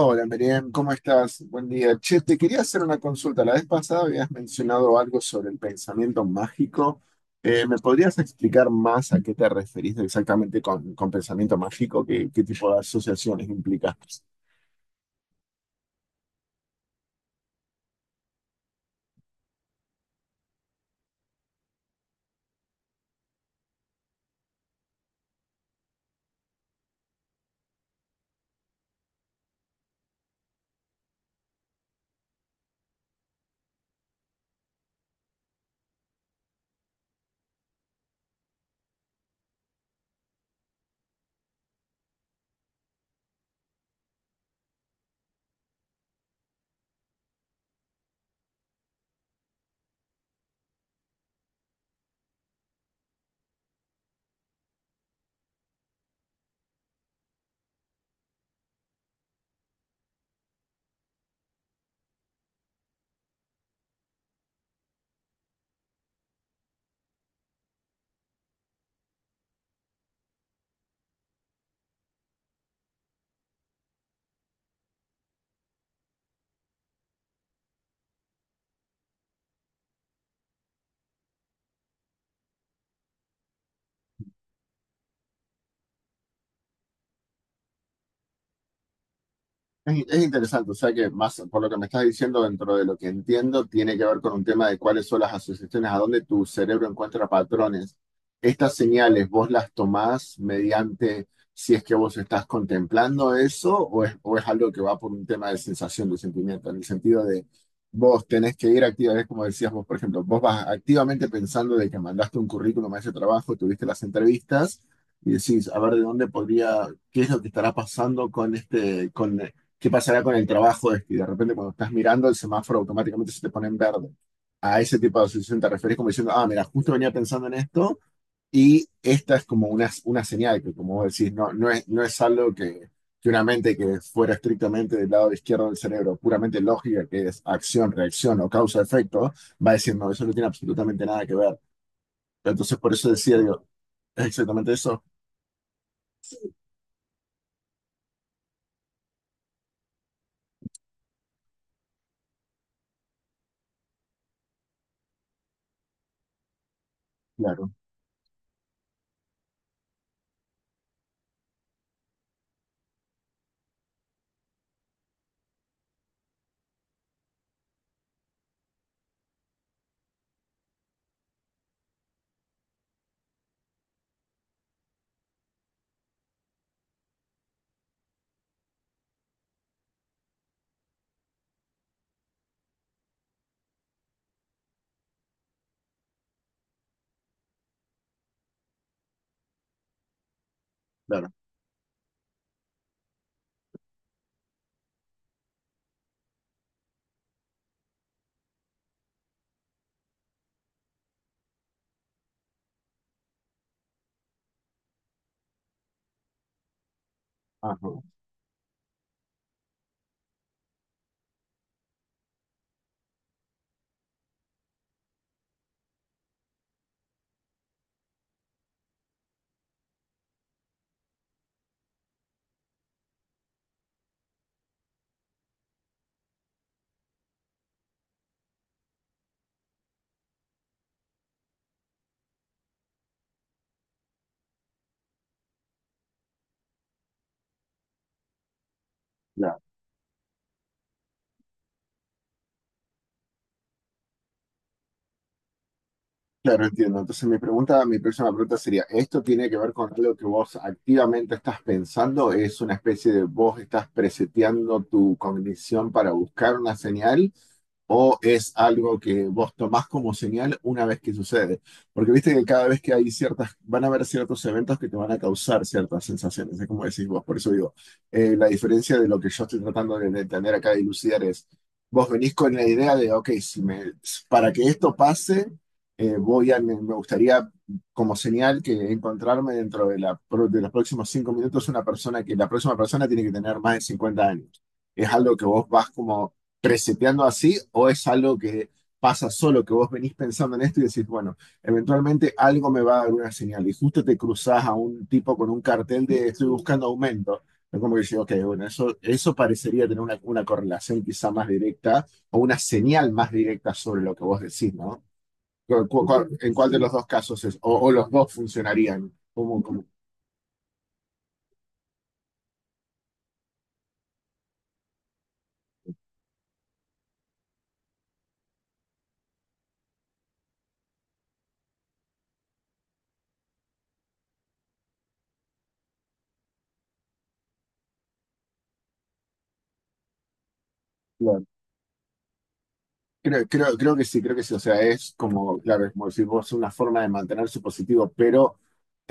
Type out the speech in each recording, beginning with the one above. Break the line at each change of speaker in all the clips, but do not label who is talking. Hola, Miriam, ¿cómo estás? Buen día. Che, te quería hacer una consulta. La vez pasada habías mencionado algo sobre el pensamiento mágico. ¿Me podrías explicar más a qué te referís exactamente con pensamiento mágico? ¿Qué tipo de asociaciones implica? Es interesante, o sea que más por lo que me estás diciendo, dentro de lo que entiendo, tiene que ver con un tema de cuáles son las asociaciones, a dónde tu cerebro encuentra patrones. Estas señales, ¿vos las tomás mediante si es que vos estás contemplando eso o es algo que va por un tema de sensación, de sentimiento, en el sentido de vos tenés que ir activamente, como decías vos? Por ejemplo, vos vas activamente pensando de que mandaste un currículum a ese trabajo, tuviste las entrevistas y decís, a ver, ¿de dónde podría, qué es lo que estará pasando con este, con ¿qué pasará con el trabajo? Es que de repente cuando estás mirando el semáforo automáticamente se te pone en verde. A ese tipo de asociación te refieres como diciendo, ah, mira, justo venía pensando en esto y esta es como una señal que, como vos decís, no, no es algo que una mente que fuera estrictamente del lado izquierdo del cerebro, puramente lógica, que es acción, reacción o causa-efecto, va a decir, no, eso no tiene absolutamente nada que ver. Entonces, por eso decía, digo, ¿es exactamente eso? Claro, claro, ajá, claro. Claro, entiendo. Entonces mi pregunta, mi próxima pregunta sería, ¿esto tiene que ver con algo que vos activamente estás pensando? ¿Es una especie de vos estás preseteando tu cognición para buscar una señal? ¿O es algo que vos tomás como señal una vez que sucede? Porque viste que cada vez que hay ciertas, van a haber ciertos eventos que te van a causar ciertas sensaciones, es como decís vos. Por eso digo, la diferencia de lo que yo estoy tratando de entender acá y dilucidar es, vos venís con la idea de, ok, si me, para que esto pase, voy a, me gustaría como señal que encontrarme dentro de, de los próximos 5 minutos una persona, que la próxima persona tiene que tener más de 50 años. ¿Es algo que vos vas como preseteando así o es algo que pasa solo, que vos venís pensando en esto y decís, bueno, eventualmente algo me va a dar una señal y justo te cruzás a un tipo con un cartel de estoy buscando aumento? Es como que digo, ok, bueno, eso parecería tener una correlación quizá más directa o una señal más directa sobre lo que vos decís, ¿no? ¿En cuál de los dos casos es? O los dos funcionarían. Claro. Creo que sí, creo que sí. O sea, es como, claro, es como si vos una forma de mantener su positivo, pero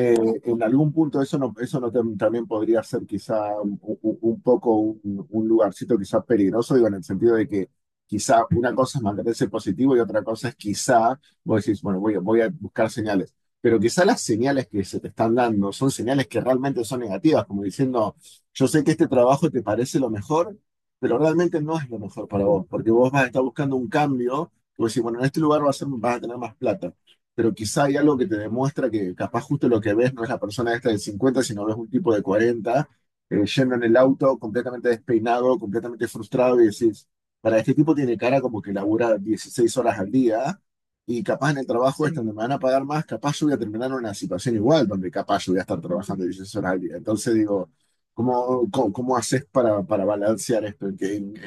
Eh, en algún punto eso no también podría ser quizá un poco un lugarcito quizá peligroso, digo, en el sentido de que quizá una cosa es mantenerse positivo y otra cosa es quizá, vos decís, bueno, voy a buscar señales, pero quizá las señales que se te están dando son señales que realmente son negativas, como diciendo, yo sé que este trabajo te parece lo mejor, pero realmente no es lo mejor para vos, porque vos vas a estar buscando un cambio, y vos decís, bueno, en este lugar vas a tener más plata, pero quizá hay algo que te demuestra que capaz justo lo que ves no es la persona esta de 50, sino ves un tipo de 40, yendo en el auto completamente despeinado, completamente frustrado y decís, para este tipo tiene cara como que labura 16 horas al día y capaz en el trabajo este donde me van a pagar más, capaz yo voy a terminar en una situación igual, donde capaz yo voy a estar trabajando 16 horas al día. Entonces digo, ¿cómo haces para balancear esto? ¿En qué,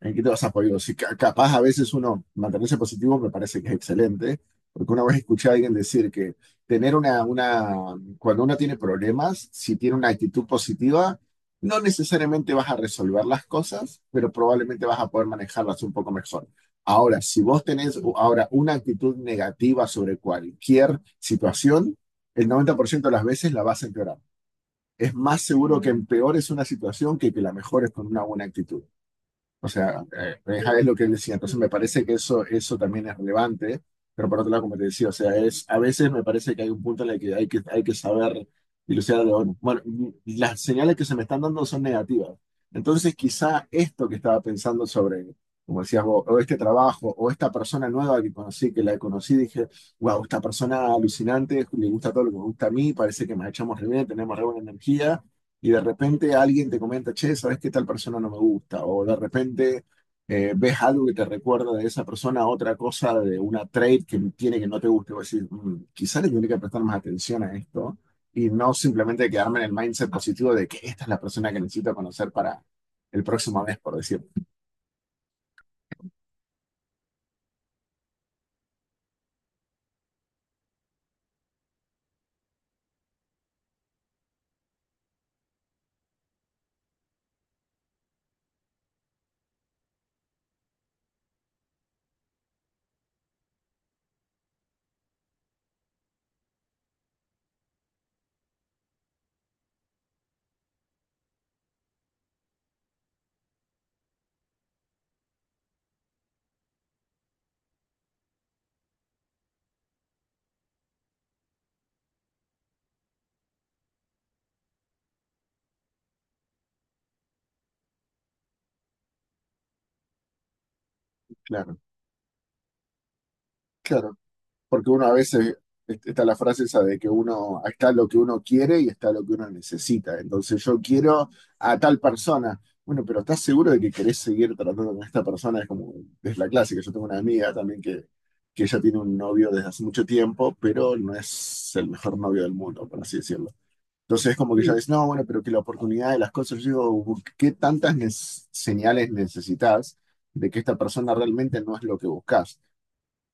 en qué te vas a apoyar? Si capaz a veces uno mantenerse positivo me parece que es excelente, porque una vez escuché a alguien decir que tener cuando uno tiene problemas, si tiene una actitud positiva, no necesariamente vas a resolver las cosas, pero probablemente vas a poder manejarlas un poco mejor. Ahora, si vos tenés ahora una actitud negativa sobre cualquier situación, el 90% de las veces la vas a empeorar. Es más seguro que empeores una situación que la mejores con una buena actitud. O sea, es lo que él decía. Entonces me parece que eso también es relevante, pero por otro lado, como te decía, o sea, es, a veces me parece que hay un punto en el que hay que saber dilucidar. Bueno, las señales que se me están dando son negativas. Entonces quizá esto que estaba pensando sobre, como decías vos, o este trabajo, o esta persona nueva que conocí, que la conocí, dije, wow, esta persona alucinante, le gusta todo lo que me gusta a mí, parece que nos echamos re bien, tenemos re buena energía y de repente alguien te comenta, che, ¿sabes qué tal persona no me gusta? O de repente ves algo que te recuerda de esa persona, otra cosa de una trait que tiene que no te guste. O decir, "Mm, quizá le tendría que prestar más atención a esto y no simplemente quedarme en el mindset positivo de que esta es la persona que necesito conocer para el próximo mes", por decir. Claro, claro. Porque uno a veces está la frase esa de que uno está lo que uno quiere y está lo que uno necesita. Entonces yo quiero a tal persona. Bueno, pero ¿estás seguro de que querés seguir tratando con esta persona? Es como, es la clásica. Yo tengo una amiga también que ella tiene un novio desde hace mucho tiempo, pero no es el mejor novio del mundo, por así decirlo. Entonces es como que ella Sí. dice, no, bueno, pero que la oportunidad de las cosas, yo digo, ¿qué tantas señales necesitas de que esta persona realmente no es lo que buscas?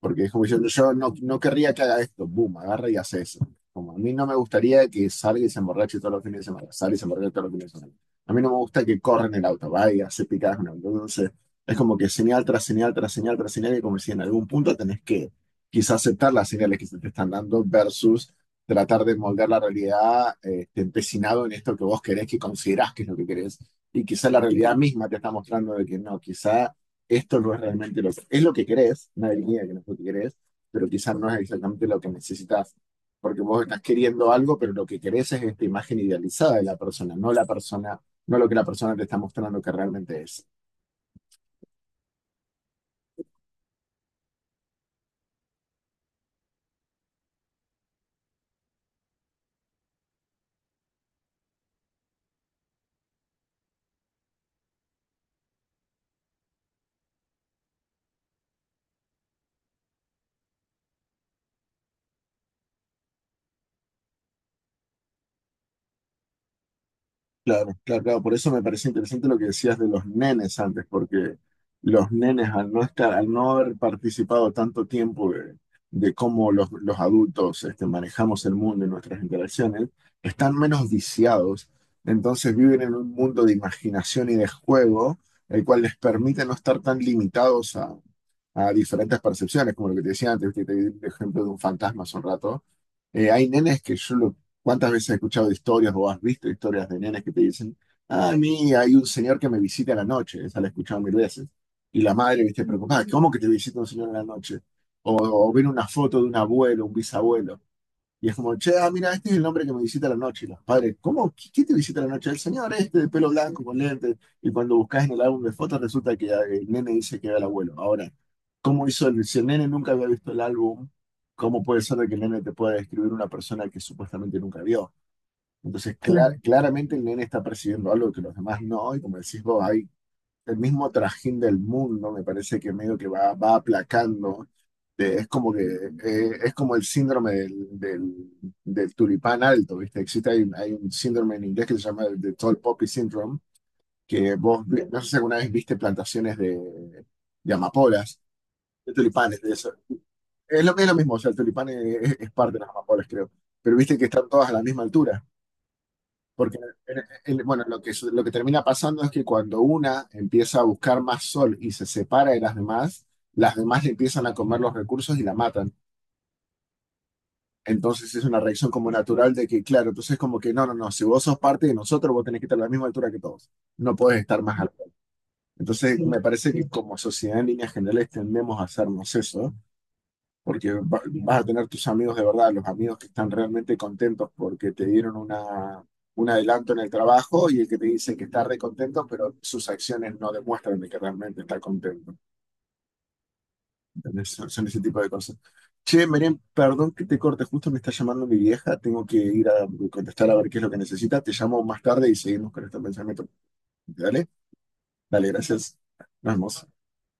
Porque es como diciendo, yo no, no querría que haga esto, boom, agarra y hace eso. Como a mí no me gustaría que salga y se emborrache todos los fines de semana, salga y se emborrache todos los fines de semana. A mí no me gusta que corra en el auto, va y hace picadas con el auto. Entonces, es como que señal tras señal, tras señal, tras señal, y como si en algún punto tenés que quizás aceptar las señales que se te están dando versus tratar de moldear la realidad, empecinado en esto que vos querés, que considerás que es lo que querés. Y quizás la realidad misma te está mostrando de que no, quizás esto no es realmente lo que, es lo que querés. Nadie niega que no es lo que querés, pero quizás no es exactamente lo que necesitas, porque vos estás queriendo algo, pero lo que querés es esta imagen idealizada de la persona, no lo que la persona te está mostrando que realmente es. Claro, claro, claro. Por eso me parece interesante lo que decías de los nenes antes, porque los nenes al no estar, al no haber participado tanto tiempo de cómo los adultos este, manejamos el mundo y nuestras interacciones, están menos viciados. Entonces viven en un mundo de imaginación y de juego, el cual les permite no estar tan limitados a diferentes percepciones, como lo que te decía antes, que te di el ejemplo de un fantasma hace un rato. Hay nenes que ¿cuántas veces he escuchado de historias o has visto historias de nenes que te dicen, ah, a mí hay un señor que me visita en la noche? Esa la he escuchado 1000 veces. Y la madre, viste, preocupada, ¿cómo que te visita un señor en la noche? O ven una foto de un abuelo, un bisabuelo. Y es como, che, ah, mira, este es el nombre que me visita a la noche. Y los padres, ¿cómo? Quién te visita a la noche? El señor este de pelo blanco con lentes. Y cuando buscas en el álbum de fotos, resulta que ah, el nene dice que era el abuelo. Ahora, ¿cómo hizo el, si el nene nunca había visto el álbum, ¿cómo puede ser de que el nene te pueda describir una persona que supuestamente nunca vio? Entonces, claramente el nene está percibiendo algo que los demás no. Y como decís vos, hay el mismo trajín del mundo, me parece que medio que va aplacando. Es como que es como el síndrome del tulipán alto, ¿viste? Existe, un hay un síndrome en inglés que se llama el de Tall Poppy Syndrome, que vos, no sé si alguna vez viste plantaciones de amapolas, de tulipanes, de eso. Es lo mismo, o sea, el tulipán es parte de las amapolas, creo. Pero viste que están todas a la misma altura. Porque, en- bueno, lo que termina pasando es que cuando una empieza a buscar más sol y se separa de las demás le empiezan a comer los recursos y la matan. Entonces es una reacción como natural de que, claro, entonces como que no, si vos sos parte de nosotros, vos tenés que estar a la misma altura que todos. No podés estar más alto. Entonces me parece que como sociedad en líneas generales tendemos a hacernos eso, porque vas a tener tus amigos de verdad, los amigos que están realmente contentos porque te dieron un adelanto en el trabajo, y el que te dice que está re contento, pero sus acciones no demuestran de que realmente está contento. ¿Entendés? Son ese tipo de cosas. Che, Meren, perdón que te corte, justo me está llamando mi vieja, tengo que ir a contestar a ver qué es lo que necesita. Te llamo más tarde y seguimos con este pensamiento. Dale, dale, gracias. Nos vemos.